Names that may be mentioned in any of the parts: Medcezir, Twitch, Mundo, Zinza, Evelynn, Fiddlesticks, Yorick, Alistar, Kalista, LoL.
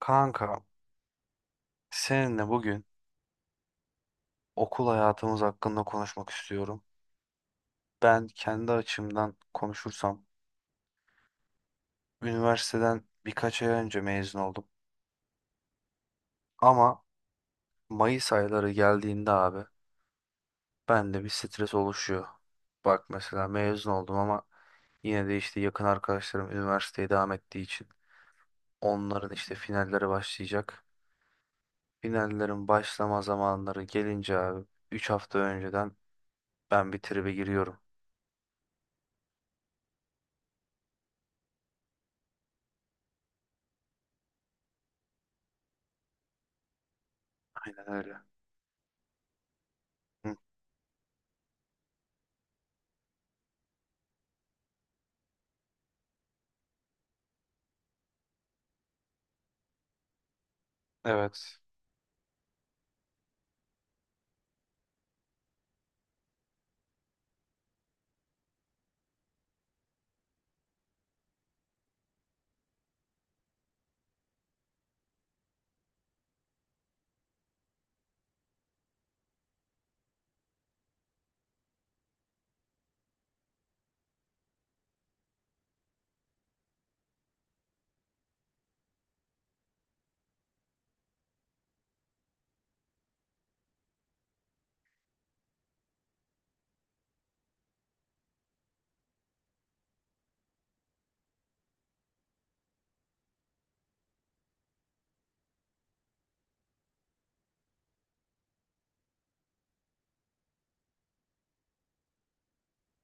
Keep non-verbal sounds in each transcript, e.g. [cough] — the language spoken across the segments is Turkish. Kanka, seninle bugün okul hayatımız hakkında konuşmak istiyorum. Ben kendi açımdan konuşursam, üniversiteden birkaç ay önce mezun oldum. Ama Mayıs ayları geldiğinde abi, bende bir stres oluşuyor. Bak mesela mezun oldum ama yine de işte yakın arkadaşlarım üniversiteye devam ettiği için onların işte finalleri başlayacak. Finallerin başlama zamanları gelince abi, 3 hafta önceden ben bir tribe giriyorum. Aynen öyle. Hı, evet.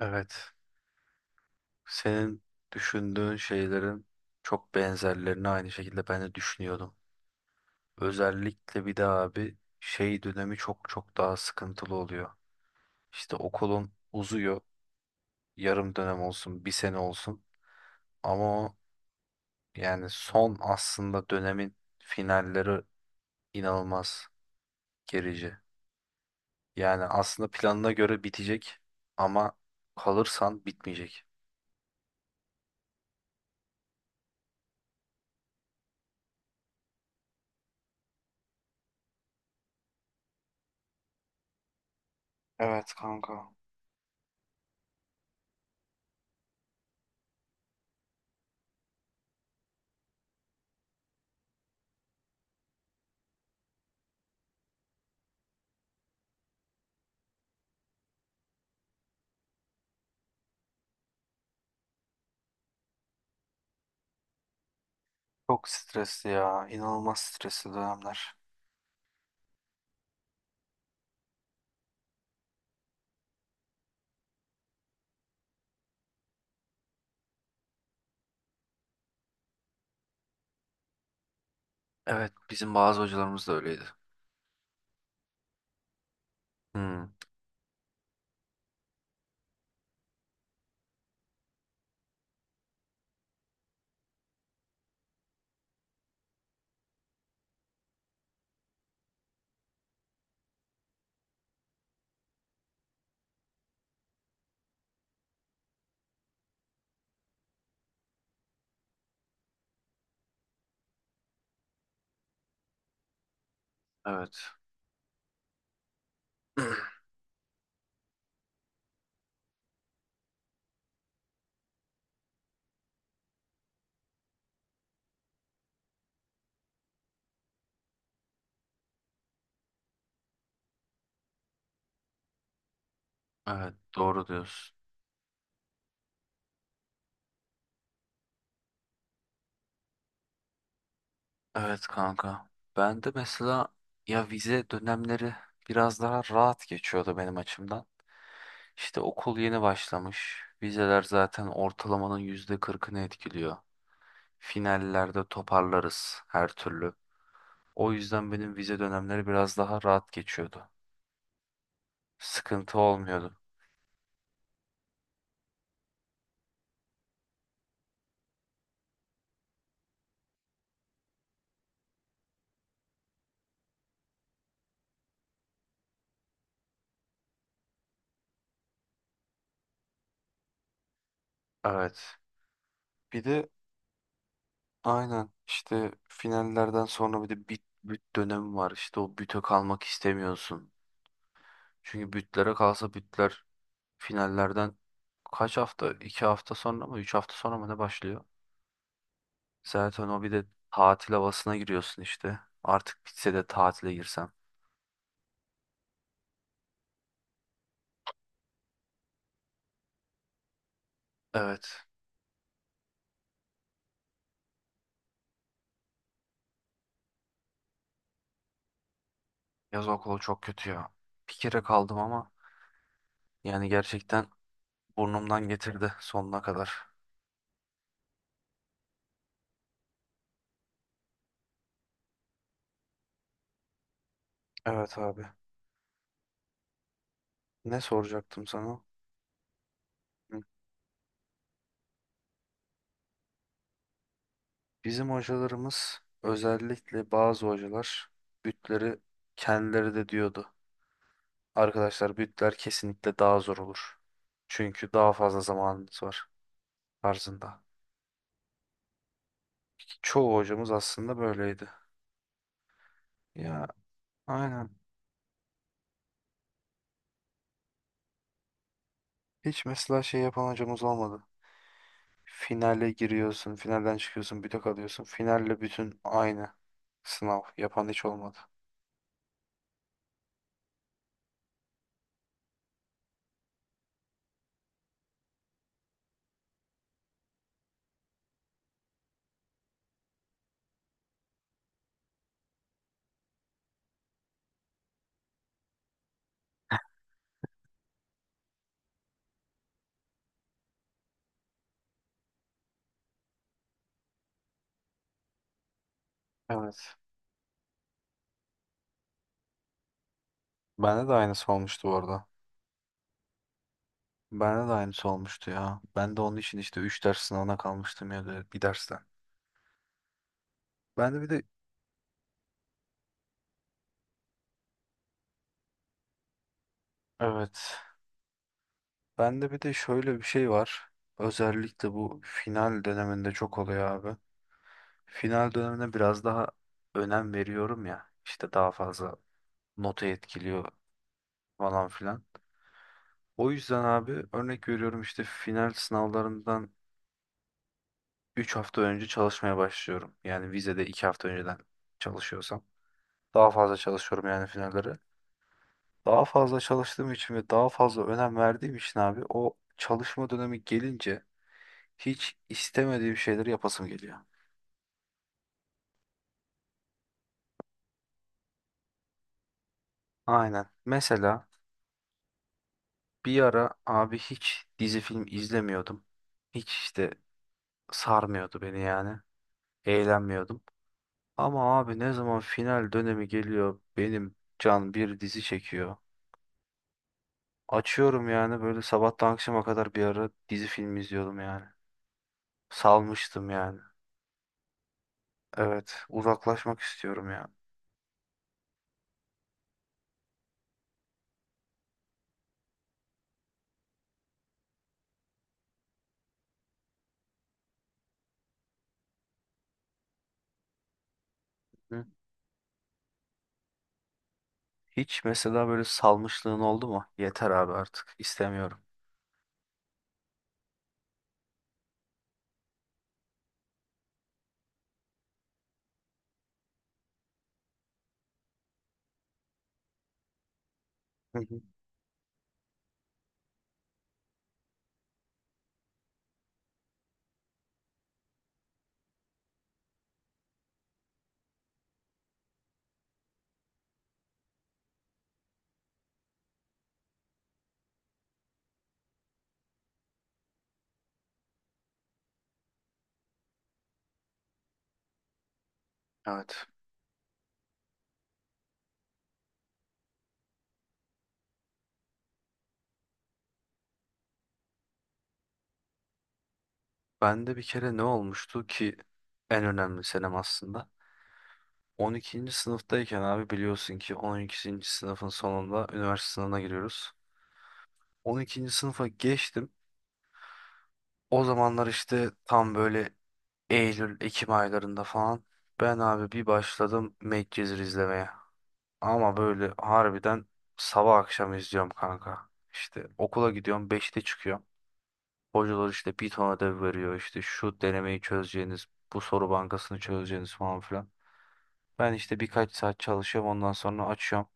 Evet. Senin düşündüğün şeylerin çok benzerlerini aynı şekilde ben de düşünüyordum. Özellikle bir de abi şey dönemi çok çok daha sıkıntılı oluyor. İşte okulun uzuyor. Yarım dönem olsun, bir sene olsun. Ama o yani son aslında dönemin finalleri inanılmaz gerici. Yani aslında planına göre bitecek ama kalırsan bitmeyecek. Evet kanka. Çok stresli ya. İnanılmaz stresli dönemler. Evet, bizim bazı hocalarımız da öyleydi. Hmm, evet. [clears throat] Evet, doğru diyorsun. Evet kanka. Ben de mesela ya vize dönemleri biraz daha rahat geçiyordu benim açımdan. İşte okul yeni başlamış. Vizeler zaten ortalamanın %40'ını etkiliyor. Finallerde toparlarız her türlü. O yüzden benim vize dönemleri biraz daha rahat geçiyordu. Sıkıntı olmuyordu. Evet. Bir de Aynen işte finallerden sonra bir de büt dönemi var. İşte o büte kalmak istemiyorsun. Çünkü bütlere kalsa bütler finallerden kaç hafta? 2 hafta sonra mı? 3 hafta sonra mı ne başlıyor? Zaten o bir de tatil havasına giriyorsun işte. Artık bitse de tatile girsem. Evet. Yaz okulu çok kötü ya. Bir kere kaldım ama yani gerçekten burnumdan getirdi sonuna kadar. Evet abi. Ne soracaktım sana? Bizim hocalarımız özellikle bazı hocalar bütleri kendileri de diyordu. Arkadaşlar bütler kesinlikle daha zor olur. Çünkü daha fazla zamanınız var tarzında. Çoğu hocamız aslında böyleydi. Ya aynen. Hiç mesela şey yapan hocamız olmadı. Finale giriyorsun, finalden çıkıyorsun, büte kalıyorsun. Finalle bütün aynı sınav yapan hiç olmadı. Evet. Bende de aynısı olmuştu orada. Bende de aynısı olmuştu ya. Ben de onun için işte 3 ders sınavına kalmıştım ya da bir dersten. Ben de bir de Evet. Ben de bir de şöyle bir şey var. Özellikle bu final döneminde çok oluyor abi. Final dönemine biraz daha önem veriyorum ya. İşte daha fazla notu etkiliyor falan filan. O yüzden abi örnek veriyorum işte final sınavlarından 3 hafta önce çalışmaya başlıyorum. Yani vizede 2 hafta önceden çalışıyorsam. Daha fazla çalışıyorum yani finallere. Daha fazla çalıştığım için ve daha fazla önem verdiğim için abi o çalışma dönemi gelince hiç istemediğim şeyleri yapasım geliyor. Aynen. Mesela bir ara abi hiç dizi film izlemiyordum. Hiç işte sarmıyordu beni yani. Eğlenmiyordum. Ama abi ne zaman final dönemi geliyor benim can bir dizi çekiyor. Açıyorum yani böyle sabahtan akşama kadar bir ara dizi film izliyordum yani. Salmıştım yani. Evet, uzaklaşmak istiyorum ya. Hiç mesela böyle salmışlığın oldu mu? Yeter abi artık istemiyorum. Hı hı. Evet. Ben de bir kere ne olmuştu ki en önemli senem aslında. 12. sınıftayken abi biliyorsun ki 12. sınıfın sonunda üniversite sınavına giriyoruz. 12. sınıfa geçtim. O zamanlar işte tam böyle Eylül, Ekim aylarında falan ben abi bir başladım Medcezir izlemeye. Ama böyle harbiden sabah akşam izliyorum kanka. İşte okula gidiyorum beşte çıkıyorum. Hocalar işte bir ton ödev veriyor işte şu denemeyi çözeceğiniz, bu soru bankasını çözeceğiniz falan filan. Ben işte birkaç saat çalışıyorum ondan sonra açıyorum.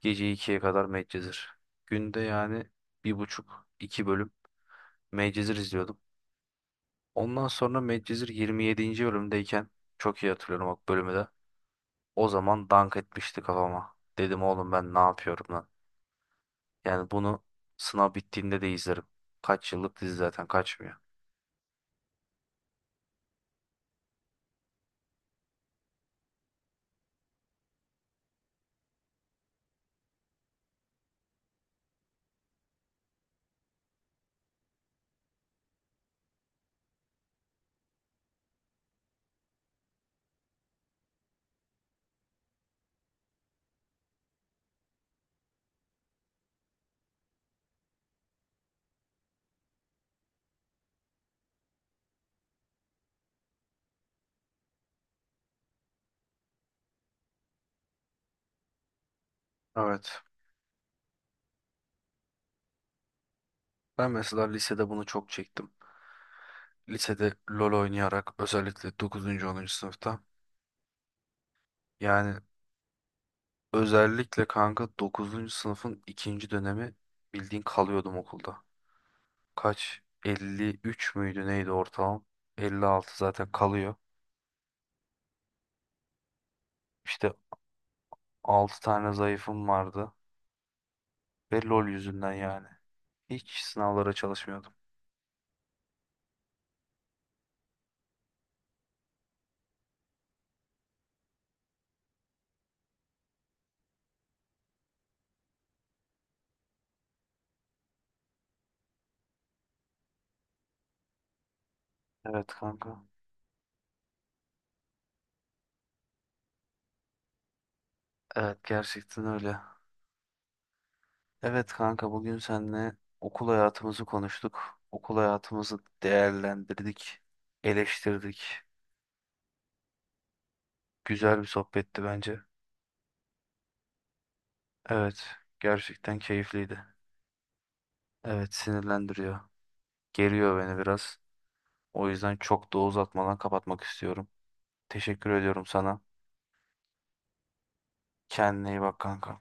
Gece ikiye kadar Medcezir. Günde yani bir buçuk iki bölüm Medcezir izliyordum. Ondan sonra Medcezir 27. bölümdeyken çok iyi hatırlıyorum bak bölümü de. O zaman dank etmişti kafama. Dedim oğlum ben ne yapıyorum lan. Yani bunu sınav bittiğinde de izlerim. Kaç yıllık dizi zaten kaçmıyor. Evet. Ben mesela lisede bunu çok çektim. Lisede LoL oynayarak özellikle 9. 10. sınıfta. Yani özellikle kanka 9. sınıfın ikinci dönemi bildiğin kalıyordum okulda. Kaç? 53 müydü neydi ortalama? 56 zaten kalıyor. İşte 6 tane zayıfım vardı. Ve LoL yüzünden yani. Hiç sınavlara çalışmıyordum. Evet kanka. Evet gerçekten öyle. Evet kanka bugün seninle okul hayatımızı konuştuk. Okul hayatımızı değerlendirdik, eleştirdik. Güzel bir sohbetti bence. Evet, gerçekten keyifliydi. Evet, sinirlendiriyor. Geriyor beni biraz. O yüzden çok da uzatmadan kapatmak istiyorum. Teşekkür ediyorum sana. Kendine iyi bak kanka.